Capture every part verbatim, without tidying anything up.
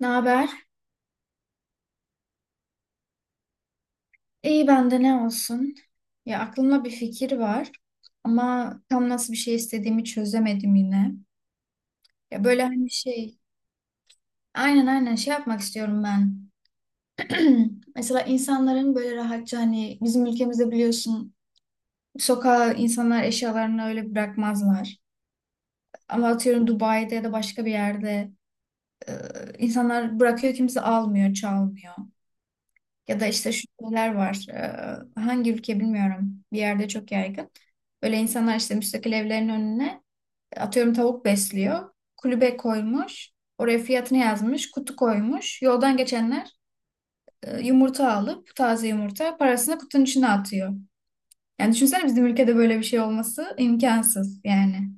Ne haber? İyi bende ne olsun? Ya aklımda bir fikir var ama tam nasıl bir şey istediğimi çözemedim yine. Ya böyle hani şey, aynen aynen şey yapmak istiyorum ben. Mesela insanların böyle rahatça hani bizim ülkemizde biliyorsun sokağa insanlar eşyalarını öyle bırakmazlar. Ama atıyorum Dubai'de ya da başka bir yerde e, insanlar bırakıyor, kimse almıyor, çalmıyor. Ya da işte şu şeyler var. Ee, hangi ülke bilmiyorum. Bir yerde çok yaygın. Böyle insanlar işte müstakil evlerin önüne atıyorum tavuk besliyor. Kulübe koymuş. Oraya fiyatını yazmış. Kutu koymuş. Yoldan geçenler e, yumurta alıp taze yumurta parasını kutunun içine atıyor. Yani düşünsene bizim ülkede böyle bir şey olması imkansız yani.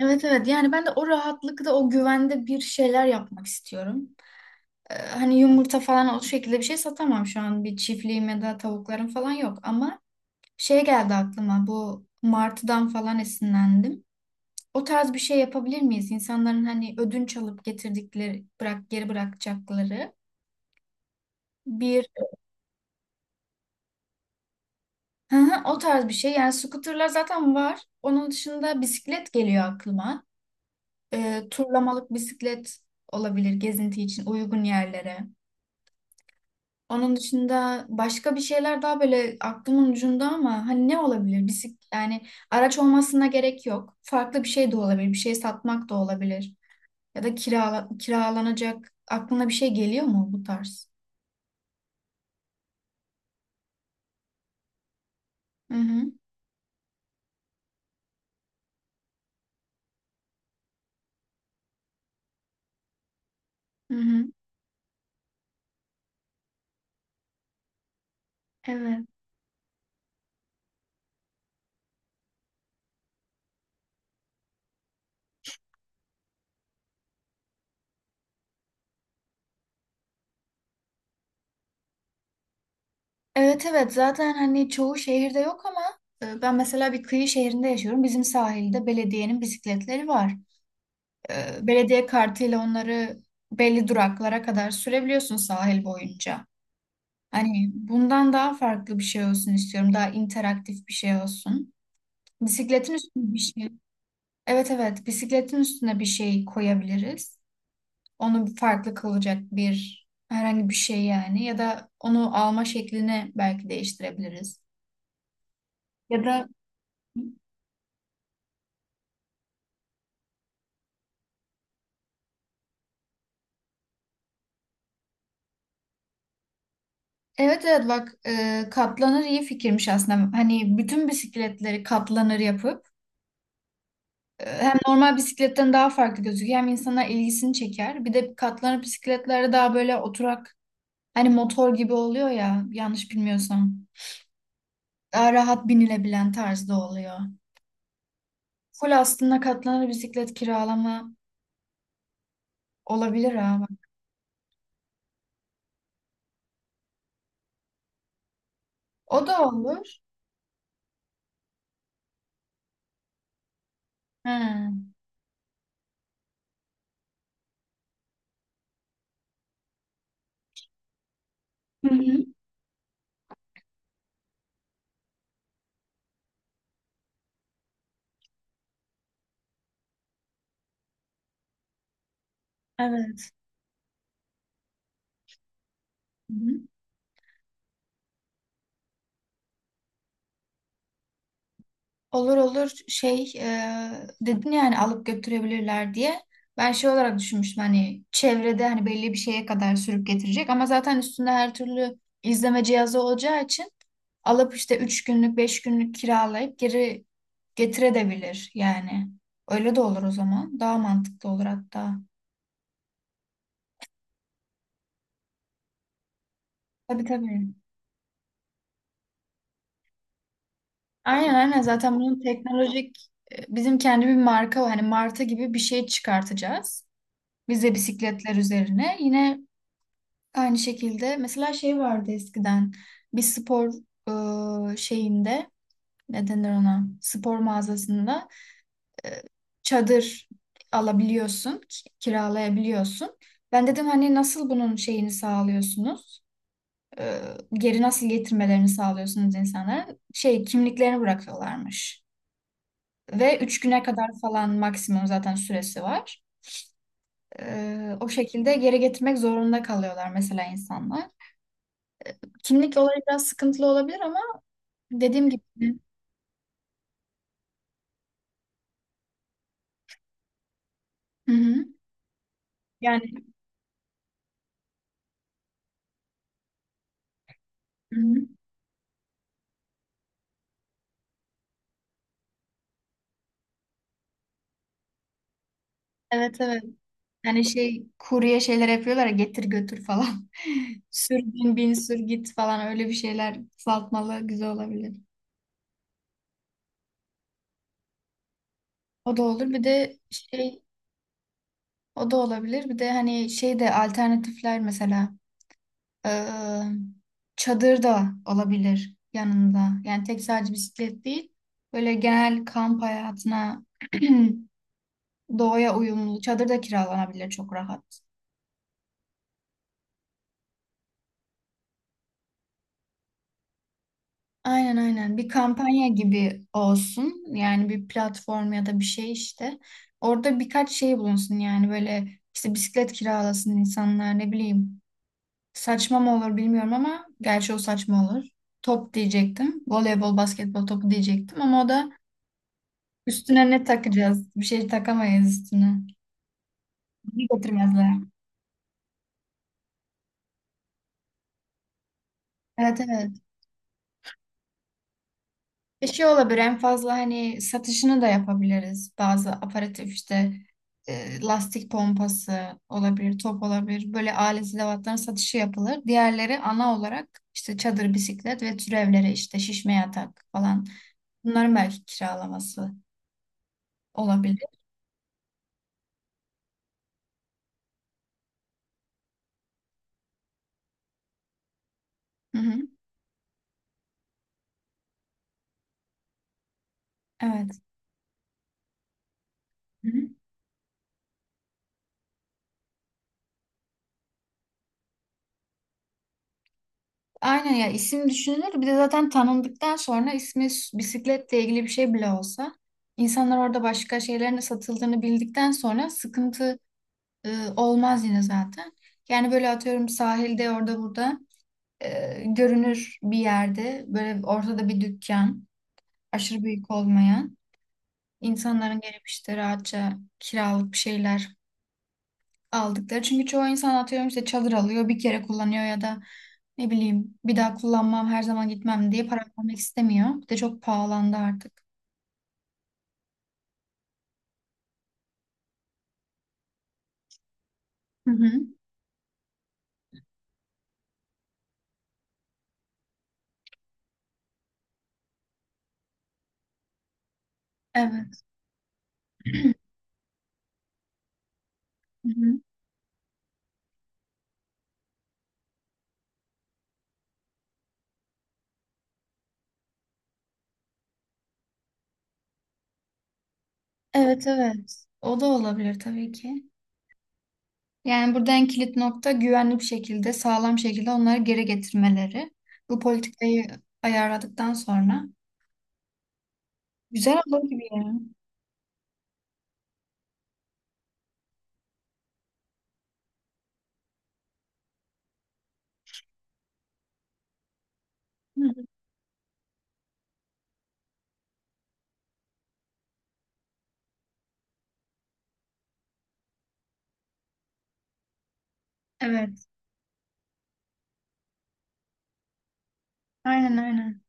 Evet, evet, yani ben de o rahatlıkta o güvende bir şeyler yapmak istiyorum. E, hani yumurta falan o şekilde bir şey satamam şu an. Bir çiftliğim ya da tavuklarım falan yok. Ama şey geldi aklıma, bu martıdan falan esinlendim. O tarz bir şey yapabilir miyiz? İnsanların hani ödünç alıp getirdikleri, bırak geri bırakacakları bir. Hı hı, o tarz bir şey. Yani scooterlar zaten var. Onun dışında bisiklet geliyor aklıma. E, turlamalık bisiklet olabilir, gezinti için uygun yerlere. Onun dışında başka bir şeyler daha böyle aklımın ucunda ama hani ne olabilir? Bisik, yani araç olmasına gerek yok. Farklı bir şey de olabilir. Bir şey satmak da olabilir. Ya da kirala kiralanacak. Aklına bir şey geliyor mu bu tarz? Hı hı. Hı hı. Evet. Evet, evet, zaten hani çoğu şehirde yok ama e, ben mesela bir kıyı şehrinde yaşıyorum. Bizim sahilde belediyenin bisikletleri var. E, belediye kartıyla onları belli duraklara kadar sürebiliyorsun sahil boyunca. Hani bundan daha farklı bir şey olsun istiyorum. Daha interaktif bir şey olsun. Bisikletin üstüne bir şey. Evet, evet, bisikletin üstüne bir şey koyabiliriz. Onu farklı kılacak bir herhangi bir şey yani. Ya da onu alma şeklini belki değiştirebiliriz. Ya da evet, evet, bak, e, katlanır iyi fikirmiş aslında. Hani bütün bisikletleri katlanır yapıp e, hem normal bisikletten daha farklı gözüküyor hem insana ilgisini çeker. Bir de katlanır bisikletlere daha böyle oturak. Hani motor gibi oluyor ya, yanlış bilmiyorsam. Daha rahat binilebilen tarzda oluyor. Full aslında katlanır bisiklet kiralama olabilir ha, bak. O da olur. Ha. Hı hı. Evet. Hı hı. Olur olur, şey, e, dedin yani alıp götürebilirler diye. Ben şey olarak düşünmüştüm, hani çevrede hani belli bir şeye kadar sürüp getirecek ama zaten üstünde her türlü izleme cihazı olacağı için alıp işte üç günlük beş günlük kiralayıp geri getirebilir yani. Öyle de olur o zaman. Daha mantıklı olur hatta. Tabii tabii. Aynen aynen, zaten bunun teknolojik e, bizim kendi bir marka var. Hani marta gibi bir şey çıkartacağız. Biz de bisikletler üzerine. Yine aynı şekilde mesela şey vardı eskiden, bir spor e, şeyinde, ne denir ona, spor mağazasında e, çadır alabiliyorsun, ki- kiralayabiliyorsun. Ben dedim hani nasıl bunun şeyini sağlıyorsunuz. E, geri nasıl getirmelerini sağlıyorsunuz, insanların şey kimliklerini bırakıyorlarmış. Ve üç güne kadar falan maksimum zaten süresi var. E, o şekilde geri getirmek zorunda kalıyorlar mesela insanlar. Kimlik olayı biraz sıkıntılı olabilir ama. Dediğim gibi. Hı hı. Yani. Hı hı. Evet, evet. Hani şey, kurye şeyler yapıyorlar ya, getir götür falan. Sür, bin bin sür git falan, öyle bir şeyler, kısaltmalı güzel olabilir. O da olur. Bir de şey, o da olabilir. Bir de hani şey de alternatifler, mesela eee, çadır da olabilir yanında. Yani tek sadece bisiklet değil. Böyle genel kamp hayatına doğaya uyumlu çadır da kiralanabilir çok rahat. Aynen aynen, bir kampanya gibi olsun yani, bir platform ya da bir şey işte, orada birkaç şey bulunsun yani, böyle işte bisiklet kiralasın insanlar, ne bileyim, saçma mı olur bilmiyorum ama gerçi o saçma olur, top diyecektim, voleybol basketbol topu diyecektim ama o da, üstüne ne takacağız, bir şey takamayız üstüne. Bunu getirmezler. Evet, evet. Bir şey olabilir en fazla, hani satışını da yapabiliriz. Bazı aparatif işte e, lastik pompası olabilir, top olabilir. Böyle alet edevatların satışı yapılır. Diğerleri ana olarak işte çadır, bisiklet ve türevleri, işte şişme yatak falan. Bunların belki kiralaması olabilir. Hı hı. Evet. Hı hı. Aynen, ya, isim düşünülür. Bir de zaten tanındıktan sonra ismi s- bisikletle ilgili bir şey bile olsa, insanlar orada başka şeylerin de satıldığını bildikten sonra sıkıntı e, olmaz yine zaten. Yani böyle atıyorum sahilde, orada burada e, görünür bir yerde böyle ortada bir dükkan, aşırı büyük olmayan, insanların gelip işte rahatça kiralık bir şeyler aldıkları. Çünkü çoğu insan atıyorum işte çadır alıyor bir kere kullanıyor ya da ne bileyim bir daha kullanmam, her zaman gitmem diye para vermek istemiyor. Bir de çok pahalandı artık. Hı hı. Evet. Hı hı. Evet, evet. O da olabilir tabii ki. Yani burada en kilit nokta güvenli bir şekilde, sağlam şekilde onları geri getirmeleri. Bu politikayı ayarladıktan sonra güzel olur gibi ya. Hı hı. Evet, aynen aynen.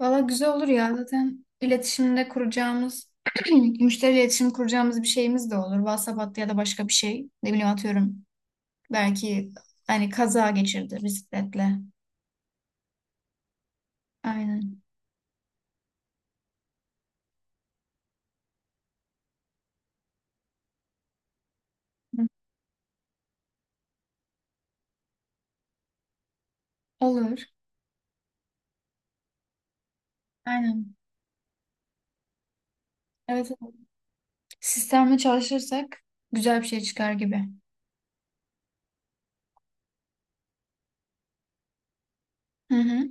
Valla güzel olur ya, zaten iletişimde kuracağımız, müşteri iletişim kuracağımız bir şeyimiz de olur. WhatsApp hattı ya da başka bir şey. Ne bileyim, atıyorum belki hani kaza geçirdi bisikletle. Aynen. Hı. Olur. Aynen. Evet, evet. Sistemle çalışırsak güzel bir şey çıkar gibi. Hı hı.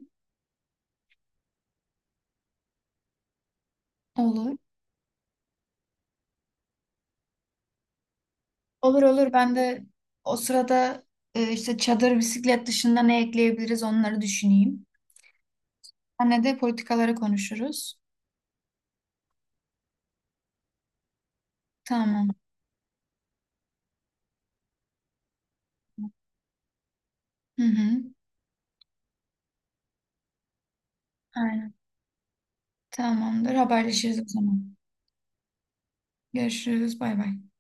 Olur. Olur olur. Ben de o sırada e, işte çadır, bisiklet dışında ne ekleyebiliriz onları düşüneyim. Anne de politikaları konuşuruz. Tamam. Hı hı. Aynen. Tamamdır. Haberleşiriz o zaman. Görüşürüz. Bay bay.